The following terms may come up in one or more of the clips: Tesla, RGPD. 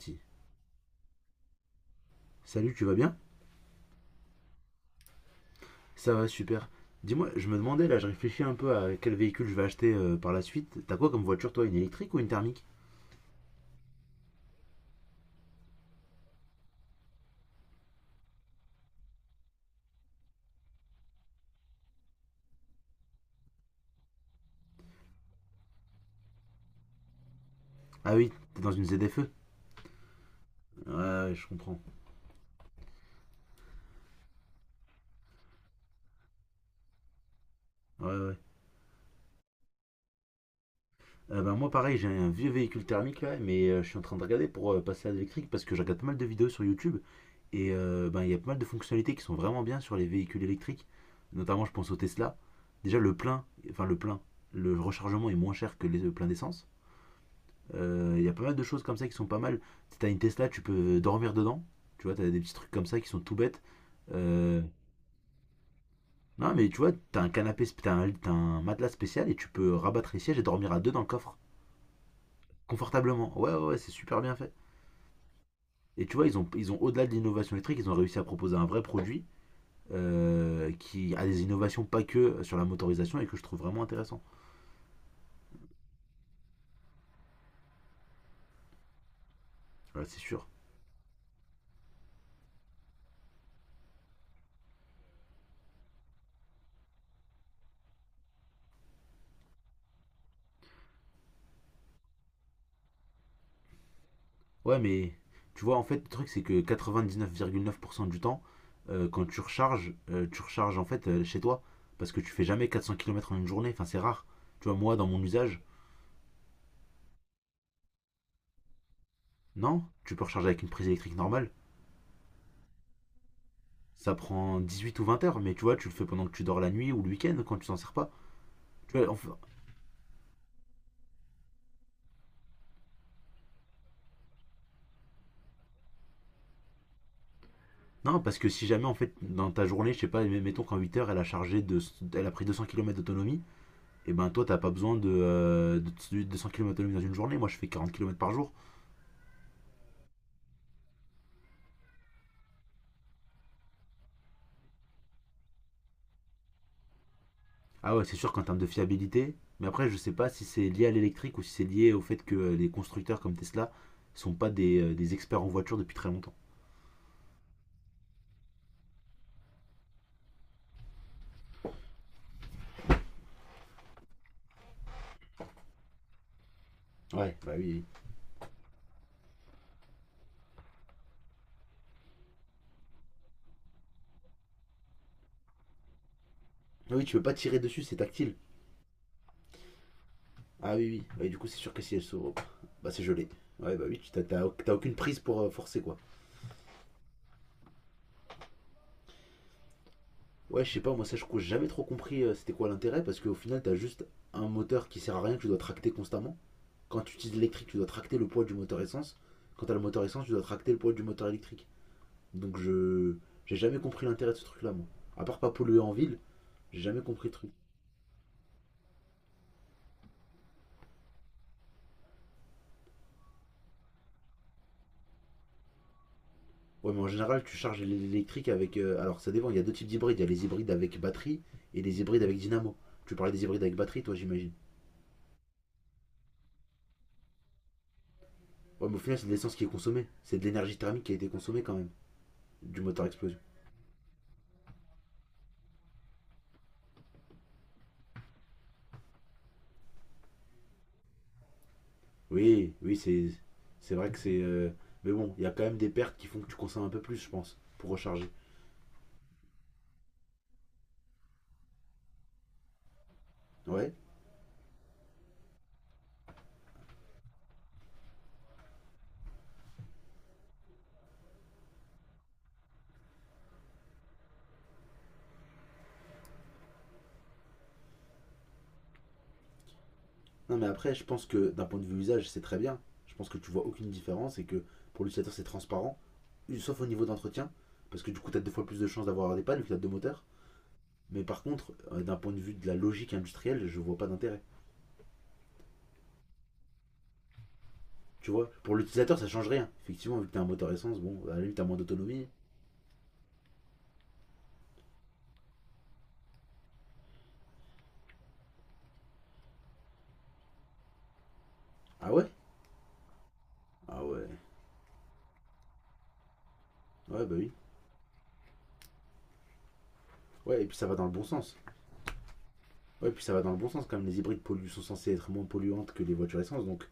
Si. Salut, tu vas bien? Ça va, super. Dis-moi, je me demandais, là, je réfléchis un peu à quel véhicule je vais acheter par la suite. T'as quoi comme voiture, toi? Une électrique ou une thermique? Ah oui, t'es dans une ZFE? Ouais, ouais, je comprends. Ouais, ouais. Bah, moi, pareil, j'ai un vieux véhicule thermique, là, mais je suis en train de regarder pour passer à l'électrique parce que je regarde pas mal de vidéos sur YouTube et ben, il y a pas mal de fonctionnalités qui sont vraiment bien sur les véhicules électriques. Notamment, je pense au Tesla. Déjà, le plein, enfin, le plein, le rechargement est moins cher que le plein d'essence. Il y a pas mal de choses comme ça qui sont pas mal. Si t'as une Tesla, tu peux dormir dedans. Tu vois, t'as des petits trucs comme ça qui sont tout bêtes. Euh, non, mais tu vois, t'as un canapé, t'as un matelas spécial et tu peux rabattre les sièges et dormir à deux dans le coffre, confortablement. Ouais, ouais, ouais, c'est super bien fait. Et tu vois, ils ont au-delà de l'innovation électrique, ils ont réussi à proposer un vrai produit qui a des innovations pas que sur la motorisation et que je trouve vraiment intéressant. Voilà, c'est sûr. Ouais, mais tu vois, en fait, le truc, c'est que quatre-vingt-dix-neuf neuf virgule neuf pour cent du temps, quand tu recharges en fait chez toi. Parce que tu fais jamais 400 km en une journée. Enfin, c'est rare. Tu vois, moi, dans mon usage, non, tu peux recharger avec une prise électrique normale. Ça prend 18 ou 20 heures, mais tu vois, tu le fais pendant que tu dors la nuit ou le week-end quand tu t'en sers pas. Tu vois, enfin- non, parce que si jamais, en fait, dans ta journée, je sais pas, mettons qu'en 8 heures, elle a pris 200 km d'autonomie, et ben toi, t'as pas besoin de 200 km d'autonomie dans une journée. Moi, je fais 40 km par jour. Ah ouais, c'est sûr qu'en termes de fiabilité, mais après, je sais pas si c'est lié à l'électrique ou si c'est lié au fait que les constructeurs comme Tesla sont pas des, des experts en voiture depuis très longtemps. Ouais, bah oui, oui. Ah oui, tu peux pas tirer dessus, c'est tactile. Ah oui, oui. Ouais, du coup, c'est sûr que si elle s'ouvre, bah c'est gelé. Ouais, bah oui, tu t'as- t'as t'as aucune prise pour forcer quoi. Ouais, je sais pas, moi ça, je crois que j'ai jamais trop compris c'était quoi l'intérêt parce qu'au final, t'as juste un moteur qui sert à rien que tu dois tracter constamment. Quand tu utilises l'électrique, tu dois tracter le poids du moteur essence. Quand t'as le moteur essence, tu dois tracter le poids du moteur électrique. Donc je j'ai jamais compris l'intérêt de ce truc-là, moi. À part pas polluer en ville, j'ai jamais compris le truc. Ouais, mais en général, tu charges l'électrique avec. Alors ça dépend, il y a deux types d'hybrides. Il y a les hybrides avec batterie et les hybrides avec dynamo. Tu parlais des hybrides avec batterie, toi, j'imagine. Ouais, mais au final, c'est de l'essence qui est consommée. C'est de l'énergie thermique qui a été consommée quand même, du moteur à explosion. Oui, oui, c'est vrai que c'est. Mais bon, il y a quand même des pertes qui font que tu consommes un peu plus, je pense, pour recharger. Ouais. Non, mais après, je pense que d'un point de vue usage, c'est très bien. Je pense que tu vois aucune différence et que pour l'utilisateur, c'est transparent, sauf au niveau d'entretien, parce que du coup, tu as deux fois plus de chances d'avoir des pannes vu que tu as deux moteurs. Mais par contre, d'un point de vue de la logique industrielle, je vois pas d'intérêt. Tu vois, pour l'utilisateur, ça change rien. Effectivement, vu que t'as un moteur essence, bon, à la limite, t'as moins d'autonomie. Ah ouais. Ah ouais. Ouais, bah oui. Ouais, et puis ça va dans le bon sens. Ouais, et puis ça va dans le bon sens, quand même. Les hybrides polluent, sont censés être moins polluantes que les voitures essence, donc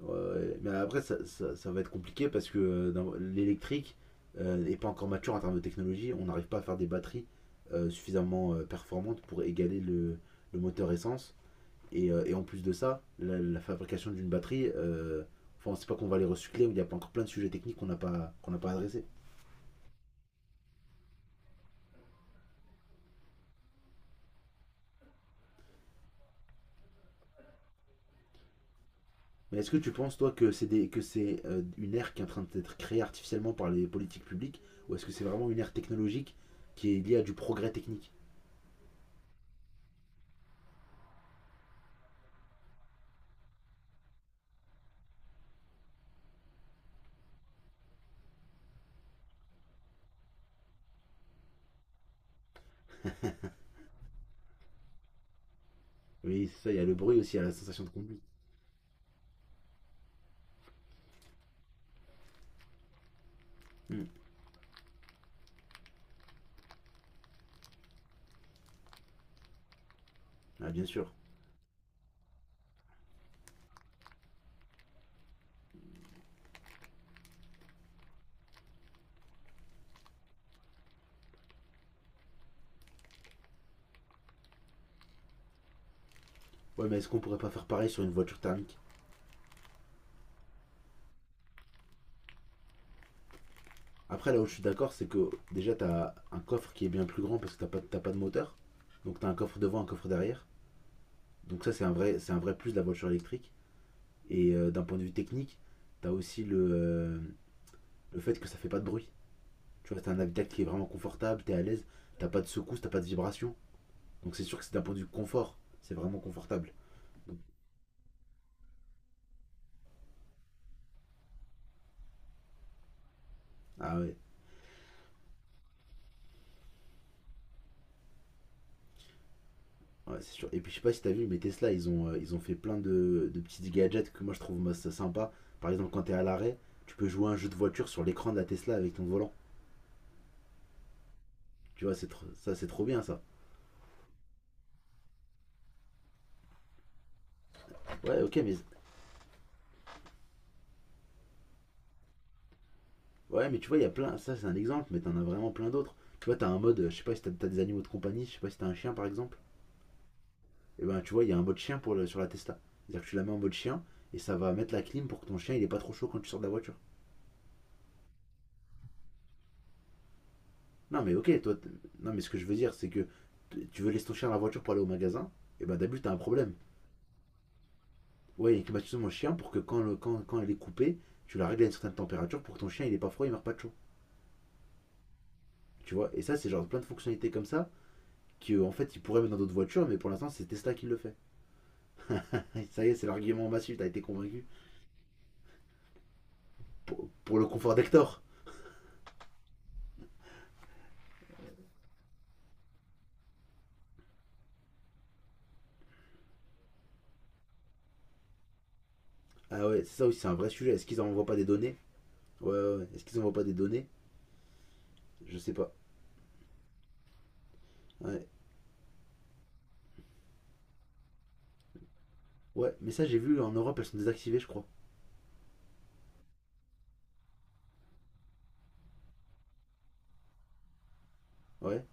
ouais, ouais, mais après, ça va être compliqué parce que l'électrique n'est pas encore mature en termes de technologie. On n'arrive pas à faire des batteries suffisamment performantes pour égaler le moteur essence. Et en plus de ça, la fabrication d'une batterie, enfin, c'est pas qu'on va les recycler, il y a pas encore plein de sujets techniques qu'on n'a pas adressés. Mais est-ce que tu penses, toi, que que c'est une ère qui est en train d'être créée artificiellement par les politiques publiques, ou est-ce que c'est vraiment une ère technologique qui est liée à du progrès technique? Oui, c'est ça, il y a le bruit aussi, il y a la sensation de conduite. Hmm. Ah, bien sûr. Ouais, mais est-ce qu'on pourrait pas faire pareil sur une voiture thermique? Après, là où je suis d'accord, c'est que déjà, t'as un coffre qui est bien plus grand parce que t'as pas de moteur. Donc, t'as un coffre devant, un coffre derrière. Donc, ça, c'est un vrai plus de la voiture électrique. Et d'un point de vue technique, t'as aussi le fait que ça fait pas de bruit. Tu vois, t'as un habitacle qui est vraiment confortable, t'es à l'aise, t'as pas de secousses, t'as pas de vibrations. Donc, c'est sûr que c'est d'un point de vue confort, c'est vraiment confortable. Donc, ah ouais, ouais, c'est sûr. Et puis je sais pas si t'as vu, mais Tesla, ils ont fait plein de petits gadgets que moi je trouve moi, ça sympa. Par exemple, quand t'es à l'arrêt, tu peux jouer à un jeu de voiture sur l'écran de la Tesla avec ton volant. Tu vois, ça, c'est trop bien ça. Ouais, ok, mais ouais, mais tu vois, il y a plein. Ça, c'est un exemple, mais t'en as vraiment plein d'autres. Tu vois, t'as un mode, je sais pas si t'as des animaux de compagnie, je sais pas si t'as un chien par exemple. Et ben, tu vois, il y a un mode chien pour le, sur la Tesla. C'est-à-dire que tu la mets en mode chien et ça va mettre la clim pour que ton chien il est pas trop chaud quand tu sors de la voiture. Non, mais ok, toi. Non, mais ce que je veux dire, c'est que tu veux laisser ton chien dans la voiture pour aller au magasin, et ben d'abord, t'as un problème. Ouais, il climatise mon chien pour que quand elle est coupée, tu la règles à une certaine température pour que ton chien il est pas froid, il meurt pas de chaud. Tu vois, et ça, c'est genre plein de fonctionnalités comme ça, qui en fait, ils pourraient mettre dans d'autres voitures, mais pour l'instant, c'est Tesla qui le fait. Ça y est, c'est l'argument massif, t'as été convaincu. Pour le confort d'Hector. Ah ouais, c'est ça aussi, c'est un vrai sujet. Est-ce qu'ils envoient pas des données? Ouais, ouais, ouais. Est-ce qu'ils envoient pas des données? Je sais pas. Ouais. Ouais, mais ça, j'ai vu en Europe, elles sont désactivées, je crois. Ouais,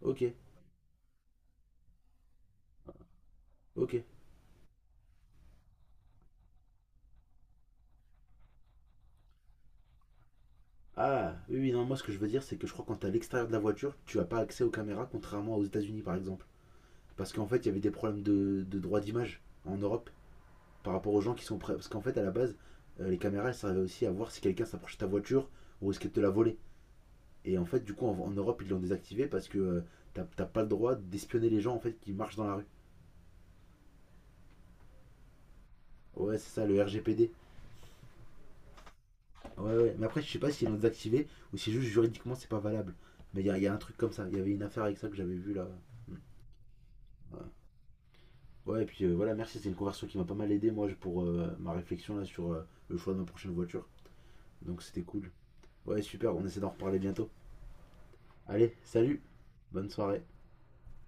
ok, ok. Ah, oui, oui, non, moi ce que je veux dire, c'est que je crois que quand t'es à l'extérieur de la voiture, tu n'as pas accès aux caméras, contrairement aux États-Unis par exemple. Parce qu'en fait, il y avait des problèmes de droit d'image en Europe par rapport aux gens qui sont prêts. Parce qu'en fait, à la base, les caméras, elles servaient aussi à voir si quelqu'un s'approchait de ta voiture ou risquait de te la voler. Et en fait, du coup, en Europe, ils l'ont désactivé parce que t'as pas le droit d'espionner les gens en fait qui marchent dans la rue. Ouais, c'est ça, le RGPD. Ouais, ouais. Mais après, je sais pas s'ils l'ont désactivé ou si juste juridiquement c'est pas valable. Mais il y a un truc comme ça. Il y avait une affaire avec ça que j'avais vu là. Hmm. Ouais. Ouais, et puis voilà, merci, c'est une conversion qui m'a pas mal aidé, moi, pour ma réflexion là sur le choix de ma prochaine voiture. Donc c'était cool. Ouais, super, on essaie d'en reparler bientôt. Allez, salut, bonne soirée.